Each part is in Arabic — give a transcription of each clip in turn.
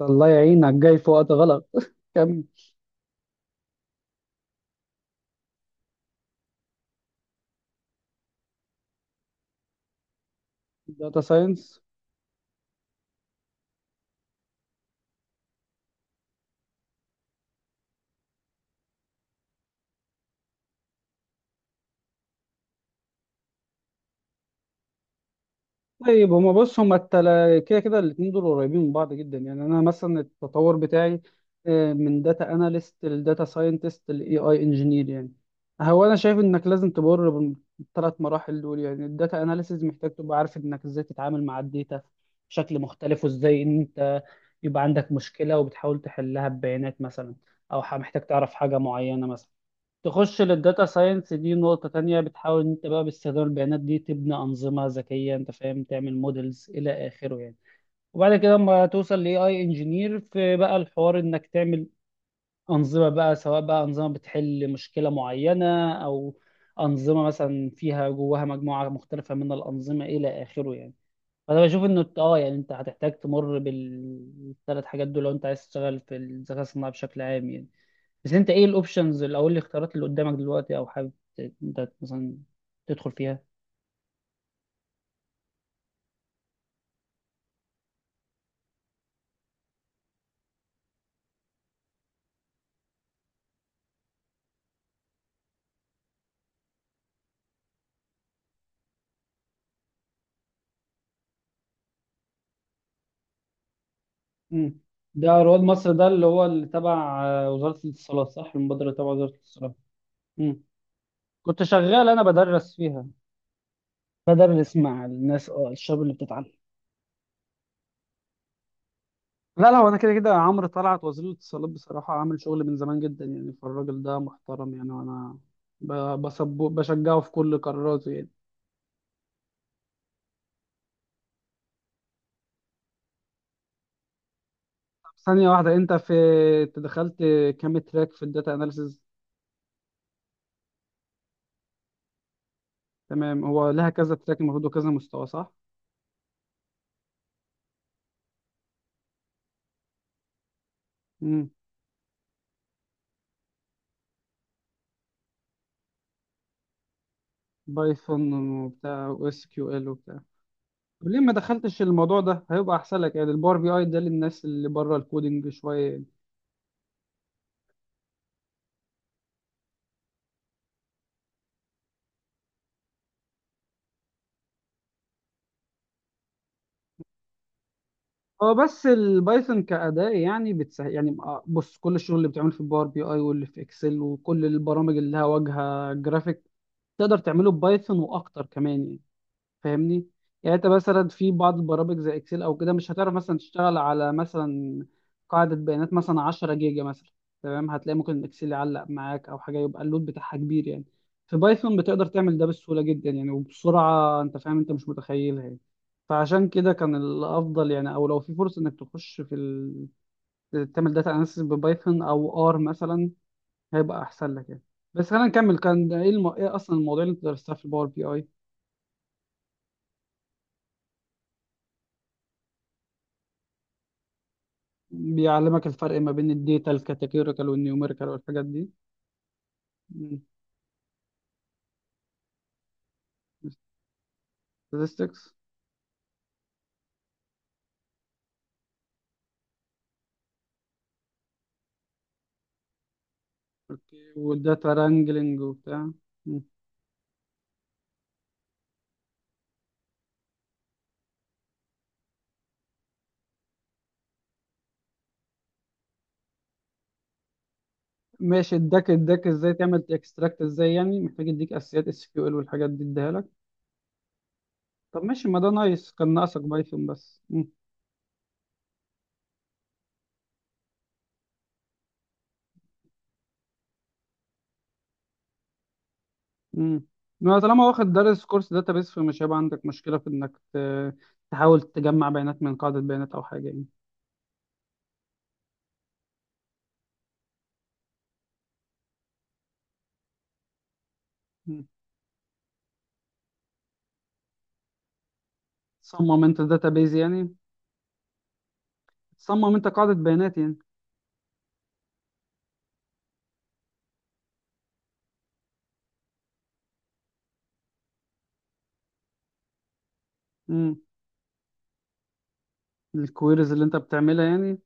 الله يعينك، جاي في وقت غلط. كمل. داتا ساينس. طيب، هما بص، هما كده كده الاتنين دول قريبين من بعض جدا يعني. انا مثلا التطور بتاعي، من داتا اناليست لداتا ساينتست لاي اي انجينير يعني. هو انا شايف انك لازم تمر بالثلاث مراحل دول يعني. الداتا اناليسز محتاج تبقى عارف انك ازاي تتعامل مع الداتا بشكل مختلف، وازاي ان انت يبقى عندك مشكلة وبتحاول تحلها ببيانات مثلا، او محتاج تعرف حاجة معينة مثلا. تخش للداتا ساينس، دي نقطة تانية، بتحاول ان انت بقى باستخدام البيانات دي تبني أنظمة ذكية، انت فاهم، تعمل مودلز إلى آخره يعني. وبعد كده اما توصل ل AI انجينير، في بقى الحوار انك تعمل أنظمة بقى، سواء بقى أنظمة بتحل مشكلة معينة، أو أنظمة مثلا فيها جواها مجموعة مختلفة من الأنظمة إلى آخره يعني. فأنا بشوف إنه يعني أنت هتحتاج تمر بالثلاث حاجات دول لو أنت عايز تشتغل في الذكاء الصناعي بشكل عام يعني. بس انت ايه الاوبشنز او ايه الاختيارات اللي قدامك دلوقتي، او حابب انت مثلا تدخل فيها. مم. ده رواد مصر، ده اللي هو اللي تبع، وزارة الاتصالات، صح؟ المبادرة تبع وزارة الاتصالات. مم. كنت شغال، انا بدرس فيها، بدرس مع الناس، اه، الشباب اللي بتتعلم. لا لا، هو انا كده كده عمرو طلعت وزير الاتصالات بصراحه عامل شغل من زمان جدا يعني، فالراجل ده محترم يعني، وانا بسبه بشجعه في كل قراراته يعني. طب ثانيه واحده، انت في، أنت دخلت كام تراك في الداتا اناليسز؟ تمام، هو لها كذا تراك المفروض وكذا مستوى، صح؟ امم. بايثون وبتاع، واس كيو ال وبتاع. طب ليه ما دخلتش الموضوع ده؟ هيبقى احسن لك يعني. الباور بي اي ده للناس اللي بره الكودينج شويه يعني. هو بس البايثون كأداة يعني بتسهل يعني. بص، كل الشغل اللي بتعمله في الباور بي اي واللي في اكسل وكل البرامج اللي لها واجهه جرافيك تقدر تعمله ببايثون واكتر كمان يعني. فاهمني؟ يعني انت مثلا في بعض البرامج زي اكسل او كده، مش هتعرف مثلا تشتغل على مثلا قاعدة بيانات مثلا 10 جيجا مثلا. تمام، هتلاقي ممكن الاكسل يعلق معاك او حاجة، يبقى اللود بتاعها كبير يعني. في بايثون بتقدر تعمل ده بسهولة جدا يعني، وبسرعة، انت فاهم، انت مش متخيلها يعني. فعشان كده كان الافضل يعني، او لو في فرصة انك تخش في تعمل داتا اناليسيس ببايثون او ار مثلا، هيبقى احسن لك يعني. بس خلينا نكمل. كان ده ايه ايه اصلا المواضيع اللي انت درستها في الباور بي اي؟ بيعلمك الفرق ما بين الداتا الكاتيجوريكال والنيوميريكال والحاجات دي. statistics. اوكي، والداتا wrangling وبتاع. مم. ماشي، اداك، اداك ازاي تعمل اكستراكت ازاي يعني. محتاج يديك اساسيات اس كيو ال والحاجات دي، اديها لك. طب ماشي، ما ده نايس، كان ناقصك بايثون بس. مم. مم. ما طالما واخد دارس كورس داتابيس فمش هيبقى عندك مشكلة في انك تحاول تجمع بيانات من قاعدة بيانات او حاجة يعني. مم. تصمم انت داتابيز يعني، تصمم انت قاعدة بيانات يعني. الكويريز اللي انت بتعملها يعني.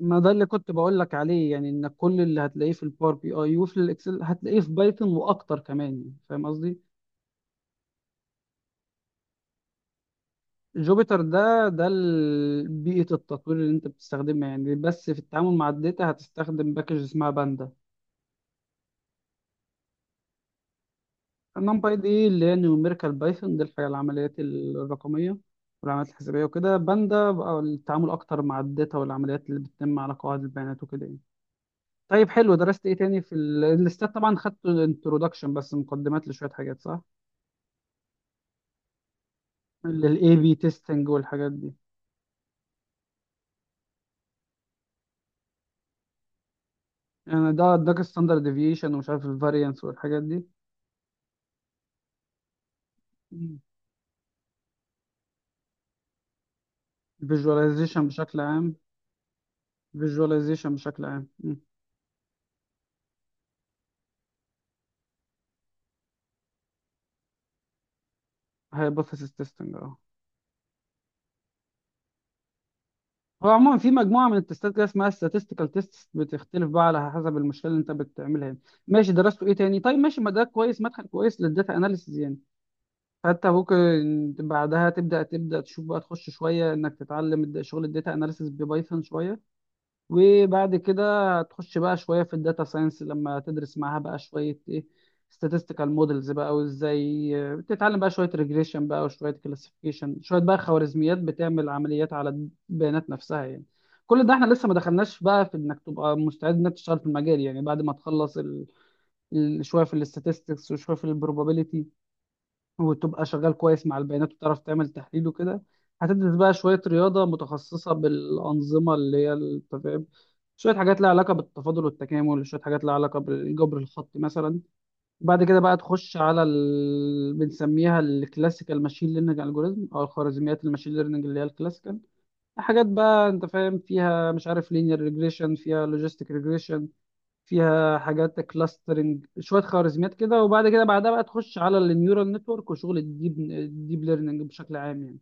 ما ده اللي كنت بقول لك عليه يعني، ان كل اللي هتلاقيه في الباور بي اي وفي الاكسل هتلاقيه في بايثون واكتر كمان يعني. فاهم قصدي؟ جوبيتر ده ده بيئة التطوير اللي انت بتستخدمها يعني، بس في التعامل مع الداتا هتستخدم باكج اسمها باندا. نمباي دي اللي هي نيوميريكال بايثون، دي الحاجة، العمليات الرقمية والعمليات الحسابية وكده. باندا بقى التعامل اكتر مع الداتا والعمليات اللي بتتم على قواعد البيانات وكده يعني. طيب حلو، درست ايه تاني في الاستاد؟ طبعا خدت الانترودكشن بس، مقدمات لشويه حاجات، صح؟ للاي بي تيستنج والحاجات دي. يعني ده اداك الستاندرد ديفيشن ومش عارف الفاريانس والحاجات دي. فيجواليزيشن بشكل عام. فيجواليزيشن بشكل عام. هايبوثيسيس تيستنج، اه. هو عموما في مجموعه من التستات كده اسمها statistical tests، بتختلف بقى على حسب المشكله اللي انت بتعملها يعني. ماشي، درسته ايه تاني؟ طيب ماشي، ما ده كويس، مدخل كويس للداتا اناليسيز يعني. حتى ممكن بعدها تبدا تشوف بقى، تخش شويه انك تتعلم شغل الداتا اناليسيس ببايثون شويه. وبعد كده تخش بقى شويه في الداتا ساينس، لما تدرس معاها بقى شويه ايه، statistical models بقى، وازاي تتعلم بقى شويه regression بقى، وشويه classification، شويه بقى خوارزميات بتعمل عمليات على البيانات نفسها يعني. كل ده احنا لسه ما دخلناش بقى في انك تبقى مستعد انك تشتغل في المجال يعني. بعد ما تخلص شويه في الاستاتستكس وشويه في البروبابيليتي، وتبقى شغال كويس مع البيانات وتعرف تعمل تحليل وكده، هتدرس بقى شوية رياضة متخصصة بالأنظمة اللي هي التفاعل، شوية حاجات لها علاقة بالتفاضل والتكامل، شوية حاجات لها علاقة بالجبر الخطي مثلا. بعد كده بقى تخش على بنسميها الكلاسيكال ماشين ليرنينج الجوريزم، أو الخوارزميات الماشين ليرنينج اللي هي الكلاسيكال. حاجات بقى انت فاهم فيها، مش عارف، لينير ريجريشن، فيها لوجيستيك ريجريشن، فيها حاجات كلاسترنج، شويه خوارزميات كده. وبعد كده بعدها بقى تخش على النيورال نتورك وشغل الديب ليرنينج بشكل عام يعني.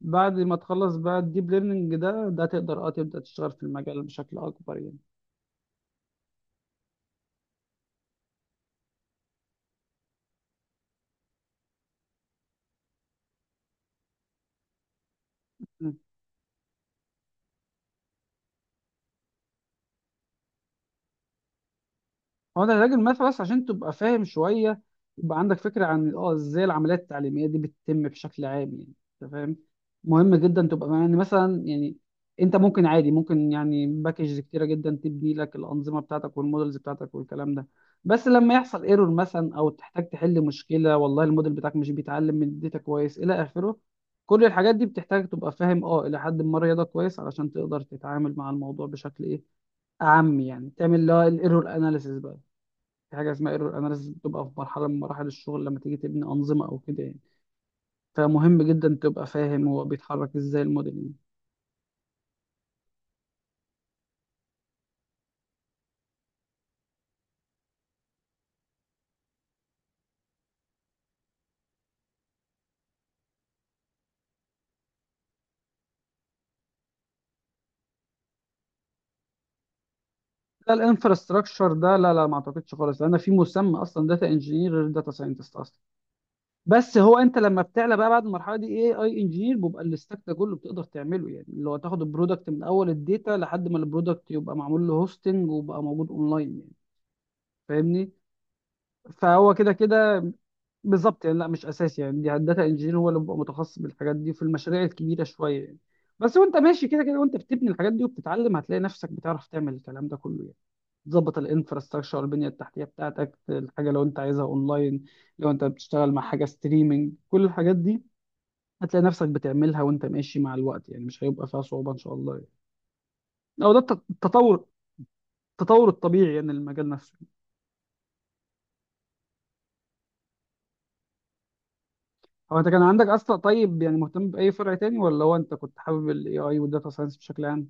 بعد ما تخلص بقى الديب ليرنينج ده، ده تقدر اه تبدا تشتغل في المجال بشكل اكبر يعني. هو ده العلاج النفسي، بس عشان تبقى فاهم شويه، يبقى عندك فكره عن اه ازاي العمليات التعليميه دي بتتم بشكل عام يعني. انت فاهم؟ مهم جدا تبقى يعني مثلا يعني، انت ممكن عادي، ممكن يعني باكجز كتيره جدا تبني لك الانظمه بتاعتك والمودلز بتاعتك والكلام ده. بس لما يحصل ايرور مثلا او تحتاج تحل مشكله، والله الموديل بتاعك مش بيتعلم من الداتا كويس الى اخره، كل الحاجات دي بتحتاج تبقى فاهم اه الى حد ما رياضه كويس، علشان تقدر تتعامل مع الموضوع بشكل ايه، اعم يعني، تعمل اللي هو الايرور اناليسيس بقى. في حاجه اسمها ايرور اناليسيس، بتبقى في مرحله من مراحل الشغل لما تيجي تبني انظمه او كده يعني. فمهم جدا تبقى فاهم هو بيتحرك ازاي الموديل يعني. لا، الانفراستراكشر ده لا لا، ما اعتقدش خالص، لان في مسمى اصلا داتا انجينير غير داتا ساينتست اصلا. بس هو انت لما بتعلى بقى بعد المرحله دي، اي اي انجينير، بيبقى الستاك ده كله بتقدر تعمله يعني، اللي هو تاخد البرودكت من اول الداتا لحد ما البرودكت يبقى معمول له هوستنج وبقى موجود اونلاين يعني. فاهمني؟ فهو كده كده. بالظبط يعني، لا مش اساسي يعني. دي الداتا انجينير هو اللي بيبقى متخصص بالحاجات دي في المشاريع الكبيره شويه يعني. بس وانت ماشي كده كده، وانت بتبني الحاجات دي وبتتعلم، هتلاقي نفسك بتعرف تعمل الكلام ده كله يعني. تظبط الانفراستراكشر، البنيه التحتيه بتاعتك، الحاجه لو انت عايزها اونلاين، لو انت بتشتغل مع حاجه ستريمنج، كل الحاجات دي هتلاقي نفسك بتعملها وانت ماشي مع الوقت يعني. مش هيبقى فيها صعوبه ان شاء الله يعني. او ده التطور، التطور الطبيعي يعني للمجال نفسه. هو انت كان عندك اصلا طيب يعني مهتم باي فرع تاني، ولا هو انت كنت حابب الاي اي والداتا ساينس بشكل عام؟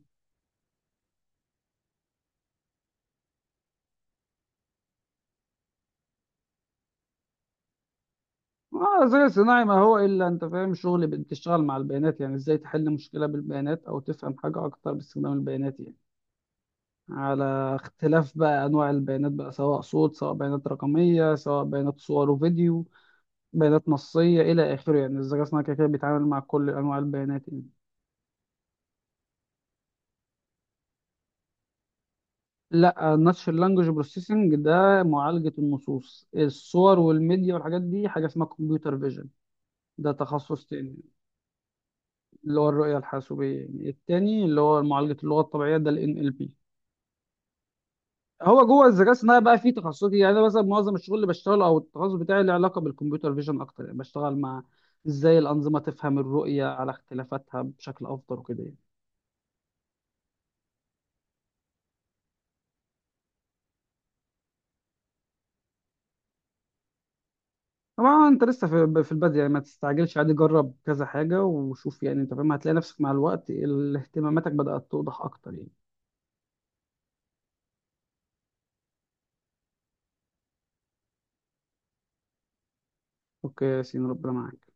اه، الذكاء الصناعي ما هو الا، انت فاهم، شغل بتشتغل مع البيانات يعني، ازاي تحل مشكله بالبيانات او تفهم حاجه اكتر باستخدام البيانات يعني. على اختلاف بقى انواع البيانات بقى، سواء صوت، سواء بيانات رقميه، سواء بيانات صور وفيديو، بيانات نصيه الى اخره يعني. الذكاء الصناعي كده كده بيتعامل مع كل انواع البيانات يعني. لا، Natural لانجوج بروسيسنج ده معالجه النصوص. الصور والميديا والحاجات دي حاجه اسمها كمبيوتر فيجن، ده تخصص تاني. اللي هو الرؤية الحاسوبية يعني. التاني اللي هو معالجة اللغة الطبيعية ده ال NLP. هو جوه الذكاء الصناعي بقى فيه تخصصي يعني، أنا مثلا معظم الشغل اللي بشتغله أو التخصص بتاعي له علاقة بالكمبيوتر فيجن أكتر يعني، بشتغل مع إزاي الأنظمة تفهم الرؤية على اختلافاتها بشكل أفضل وكده يعني. طبعا أنت لسه في البداية يعني، ما تستعجلش، عادي، جرب كذا حاجة وشوف يعني. أنت فاهم، هتلاقي نفسك مع الوقت اهتماماتك بدأت توضح أكتر يعني. أوكي يا ياسين، ربنا معاك.